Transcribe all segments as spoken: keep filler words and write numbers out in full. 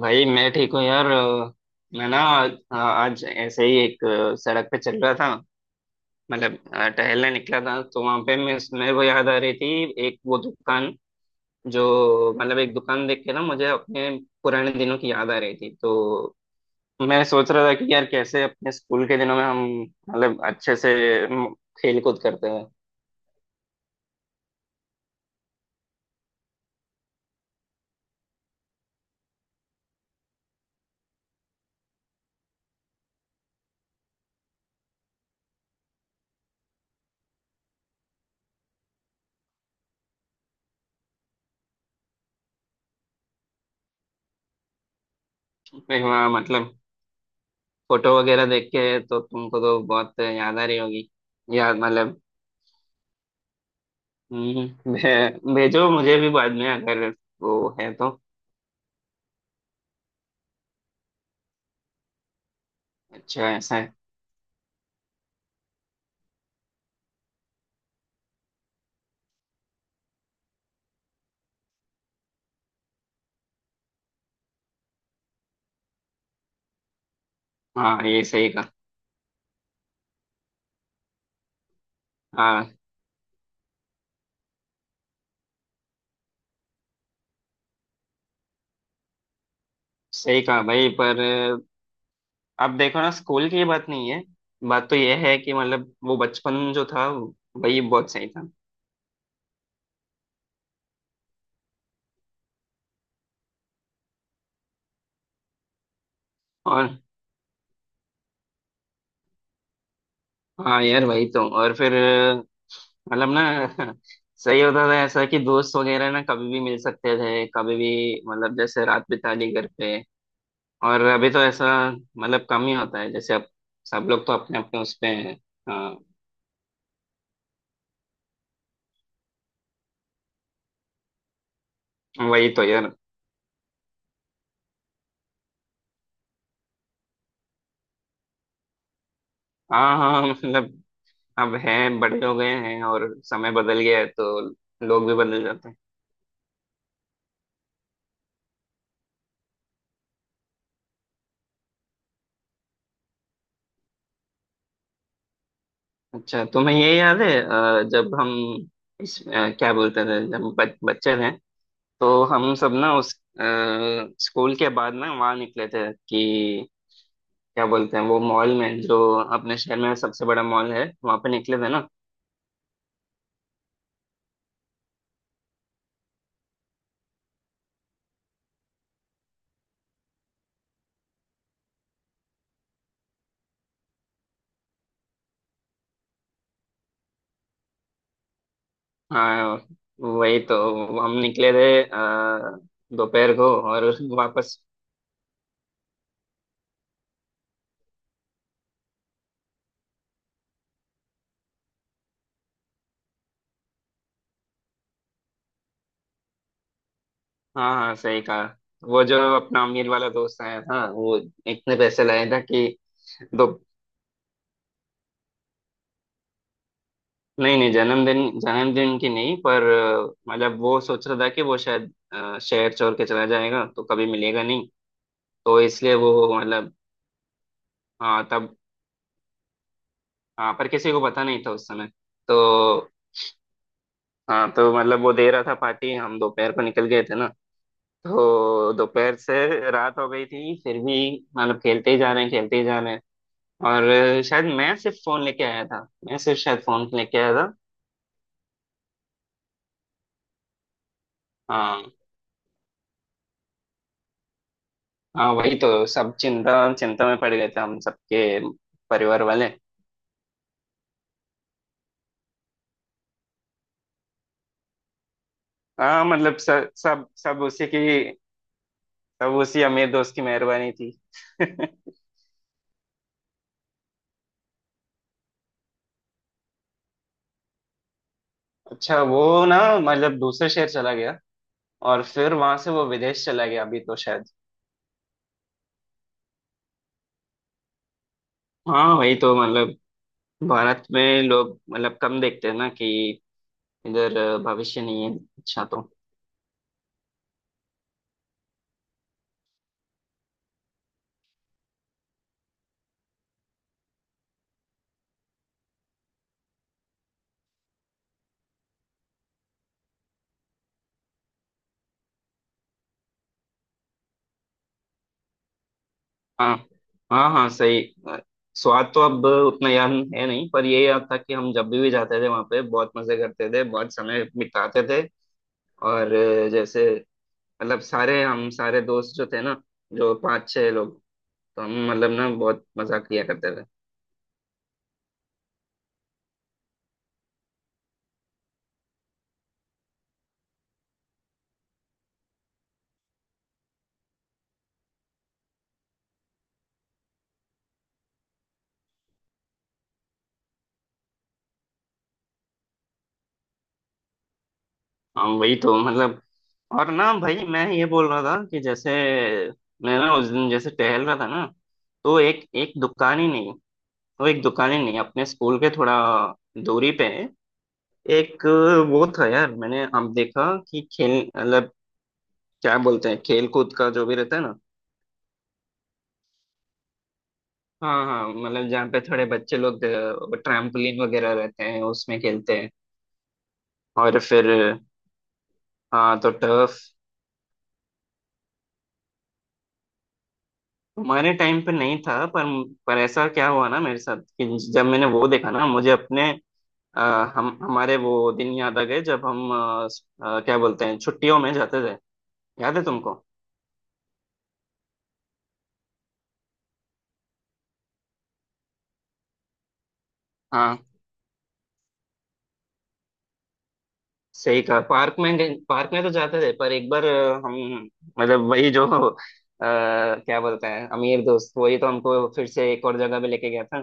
भाई मैं ठीक हूँ यार अ, मैं ना अ, आज ऐसे ही एक अ, सड़क पे चल रहा था। मतलब अ, टहलने निकला था, तो वहां पे मैं मेरे को याद आ रही थी एक वो दुकान जो मतलब एक दुकान देख के ना मुझे अपने पुराने दिनों की याद आ रही थी। तो मैं सोच रहा था कि यार कैसे अपने स्कूल के दिनों में हम मतलब अच्छे से म, खेल कूद करते हैं। मैं वहाँ मतलब फोटो वगैरह देख के, तो तुमको तो बहुत याद आ रही होगी यार मतलब। हम्म, भे- भेजो मुझे भी बाद में अगर वो है तो। अच्छा ऐसा है। हाँ, ये सही कहा। हाँ सही कहा भाई, पर अब देखो ना, स्कूल की बात नहीं है। बात तो ये है कि मतलब वो बचपन जो था वही बहुत सही था। और हाँ यार वही तो, और फिर मतलब ना सही होता था ऐसा कि दोस्त वगैरह ना कभी भी मिल सकते थे कभी भी, मतलब जैसे रात बिता ली घर पे। और अभी तो ऐसा मतलब कम ही होता है, जैसे अब सब लोग तो अपने अपने उसपे हैं। हाँ वही तो यार। हाँ हाँ मतलब अब हैं, बड़े हो गए हैं और समय बदल गया है, तो लोग भी बदल जाते हैं। अच्छा, तुम्हें ये याद है अ, जब हम इस अ, क्या बोलते थे जब हम बच, बच्चे थे तो हम सब ना उस अ, स्कूल के बाद ना वहाँ निकले थे कि क्या बोलते हैं वो, मॉल में, जो अपने शहर में सबसे बड़ा मॉल है वहाँ पे निकले थे ना। हाँ वही तो हम निकले थे अ, दोपहर को। और वापस। हाँ हाँ सही कहा। वो जो अपना अमीर वाला दोस्त आया था वो इतने पैसे लाया था कि। दो। नहीं नहीं, जन्मदिन जन्मदिन की नहीं, पर अ, मतलब वो सोच रहा था कि वो शायद अ, शहर छोड़ के चला जाएगा तो कभी मिलेगा नहीं, तो इसलिए वो मतलब। हाँ तब। हाँ पर किसी को पता नहीं था उस समय तो। हाँ तो मतलब वो दे रहा था पार्टी, हम दोपहर को निकल गए थे ना, तो दोपहर से रात हो गई थी फिर भी मतलब खेलते ही जा रहे हैं खेलते ही जा रहे हैं, और शायद मैं सिर्फ फोन लेके आया था। मैं सिर्फ शायद फोन लेके आया था। हाँ हाँ वही तो, सब चिंता चिंता में पड़ गए थे हम सबके परिवार वाले। हाँ मतलब सब सब सब उसी की, सब उसी अमीर दोस्त की मेहरबानी थी। अच्छा वो ना मतलब दूसरे शहर चला गया, और फिर वहां से वो विदेश चला गया अभी तो शायद। हाँ वही तो मतलब भारत में लोग मतलब कम देखते हैं ना कि इधर अ, भविष्य नहीं है अच्छा तो। हाँ हाँ हाँ सही। अ, स्वाद तो अब उतना याद है नहीं, पर ये याद था कि हम जब भी भी जाते थे वहाँ पे बहुत मजे करते थे, बहुत समय बिताते थे। और अ, जैसे मतलब सारे, हम सारे दोस्त जो थे ना, जो पांच छह लोग, तो हम मतलब ना बहुत मजा किया करते थे। हाँ वही तो मतलब। और ना भाई मैं ये बोल रहा था कि जैसे मैं ना उस दिन जैसे टहल रहा था ना, तो एक एक दुकान ही नहीं, वो एक दुकानें नहीं, अपने स्कूल के थोड़ा दूरी पे है एक। वो था यार मैंने अब देखा कि खेल मतलब क्या बोलते हैं, खेल कूद का जो भी रहता है ना। हाँ हाँ मतलब जहाँ पे थोड़े बच्चे लोग ट्रैम्पोलिन वगैरह रहते हैं, उसमें खेलते हैं। और फिर हाँ तो टर्फ हमारे टाइम पे नहीं था, पर पर ऐसा क्या हुआ ना मेरे साथ कि जब मैंने वो देखा ना, मुझे अपने अ, हम हमारे वो दिन याद आ गए जब हम अ, अ, क्या बोलते हैं छुट्टियों में जाते थे। याद है तुमको। हाँ सही कहा। पार्क में गए- पार्क में तो जाते थे, पर एक बार अ, हम मतलब वही जो अ, क्या बोलते हैं अमीर दोस्त, वही तो हमको फिर से एक और जगह पे लेके गया था।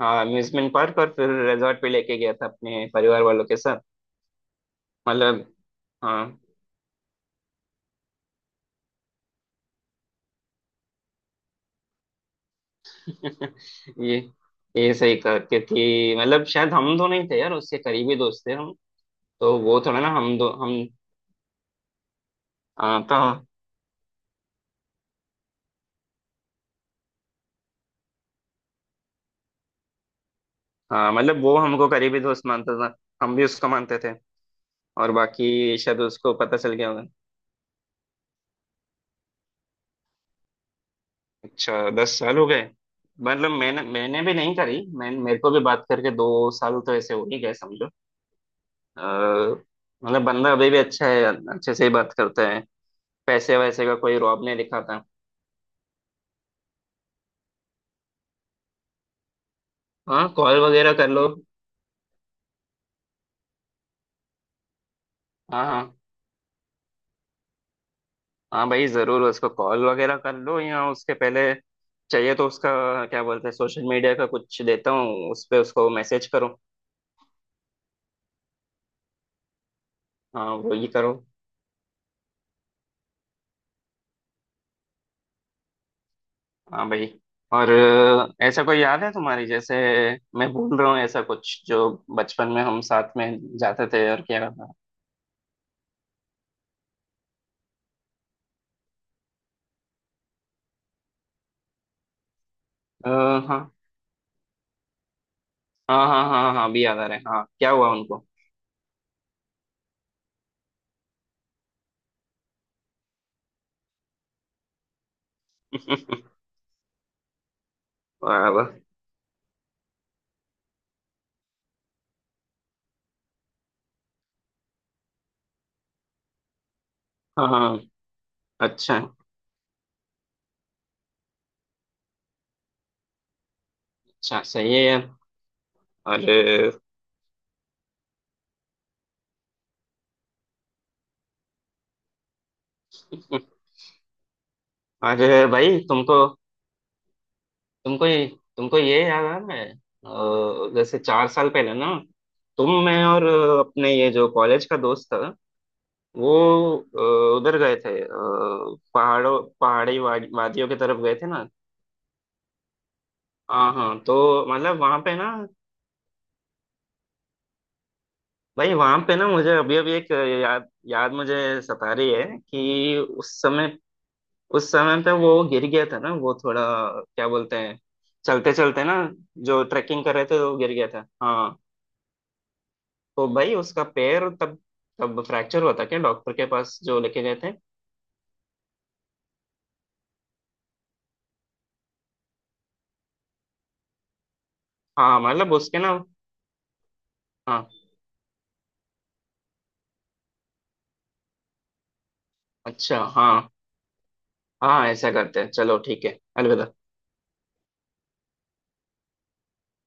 हाँ अम्यूजमेंट पार्क, और फिर रिजॉर्ट पे लेके गया था अपने परिवार वालों के साथ, मतलब। हाँ ये ये सही कहा, क्योंकि मतलब शायद हम दो नहीं थे यार उसके करीबी दोस्त थे हम, तो वो थोड़ा ना हम दो हम। आ, तो हाँ मतलब वो हमको करीबी दोस्त मानता था, हम भी उसको मानते थे। और बाकी शायद उसको पता चल गया होगा। अच्छा, दस साल हो गए। मतलब मैंने मैंने भी नहीं करी, मैं मेरे को भी बात करके दो साल तो ऐसे हो ही गए समझो। अ, मतलब बंदा अभी भी अच्छा है, अच्छे से ही बात करता है, पैसे वैसे का कोई रौब नहीं दिखाता। हाँ कॉल वगैरह कर लो। हाँ हाँ। हाँ भाई जरूर उसको कॉल वगैरह कर लो, या उसके पहले चाहिए तो उसका क्या बोलते हैं, सोशल मीडिया का कुछ देता हूँ, उस पर उसको मैसेज करो। हाँ वो ही करो। हाँ भाई। और अ, ऐसा कोई याद है तुम्हारी जैसे मैं भूल रहा हूँ ऐसा कुछ जो बचपन में हम साथ में जाते थे, और क्या करता। हाँ हाँ हाँ हाँ हाँ हाँ, अभी याद आ रहा है। हाँ, क्या हुआ उनको। वाह वाह। हाँ हाँ, अच्छा। अच्छा सही है यार। और अ, और भाई तुमको तुमको ये तुमको ये याद आ रहा है अ, जैसे चार साल पहले ना, तुम मैं और अपने ये जो कॉलेज का दोस्त था वो अ, उधर गए थे, अ, पहाड़ों पहाड़ी वाद- वादियों की तरफ गए थे ना। हाँ हाँ तो मतलब वहां पे ना, भाई वहां पे ना मुझे अभी अभी एक याद याद मुझे सता रही है कि उस समय, उस समय पे वो गिर गया था ना वो थोड़ा, क्या बोलते हैं, चलते चलते ना, जो ट्रैकिंग कर रहे थे वो गिर गया था हाँ, तो भाई उसका पैर तब तब फ्रैक्चर हुआ था क्या, डॉक्टर के पास जो लेके गए थे। हाँ मतलब उसके ना। हाँ। अच्छा हाँ। हाँ ऐसा करते हैं चलो ठीक है। अलविदा।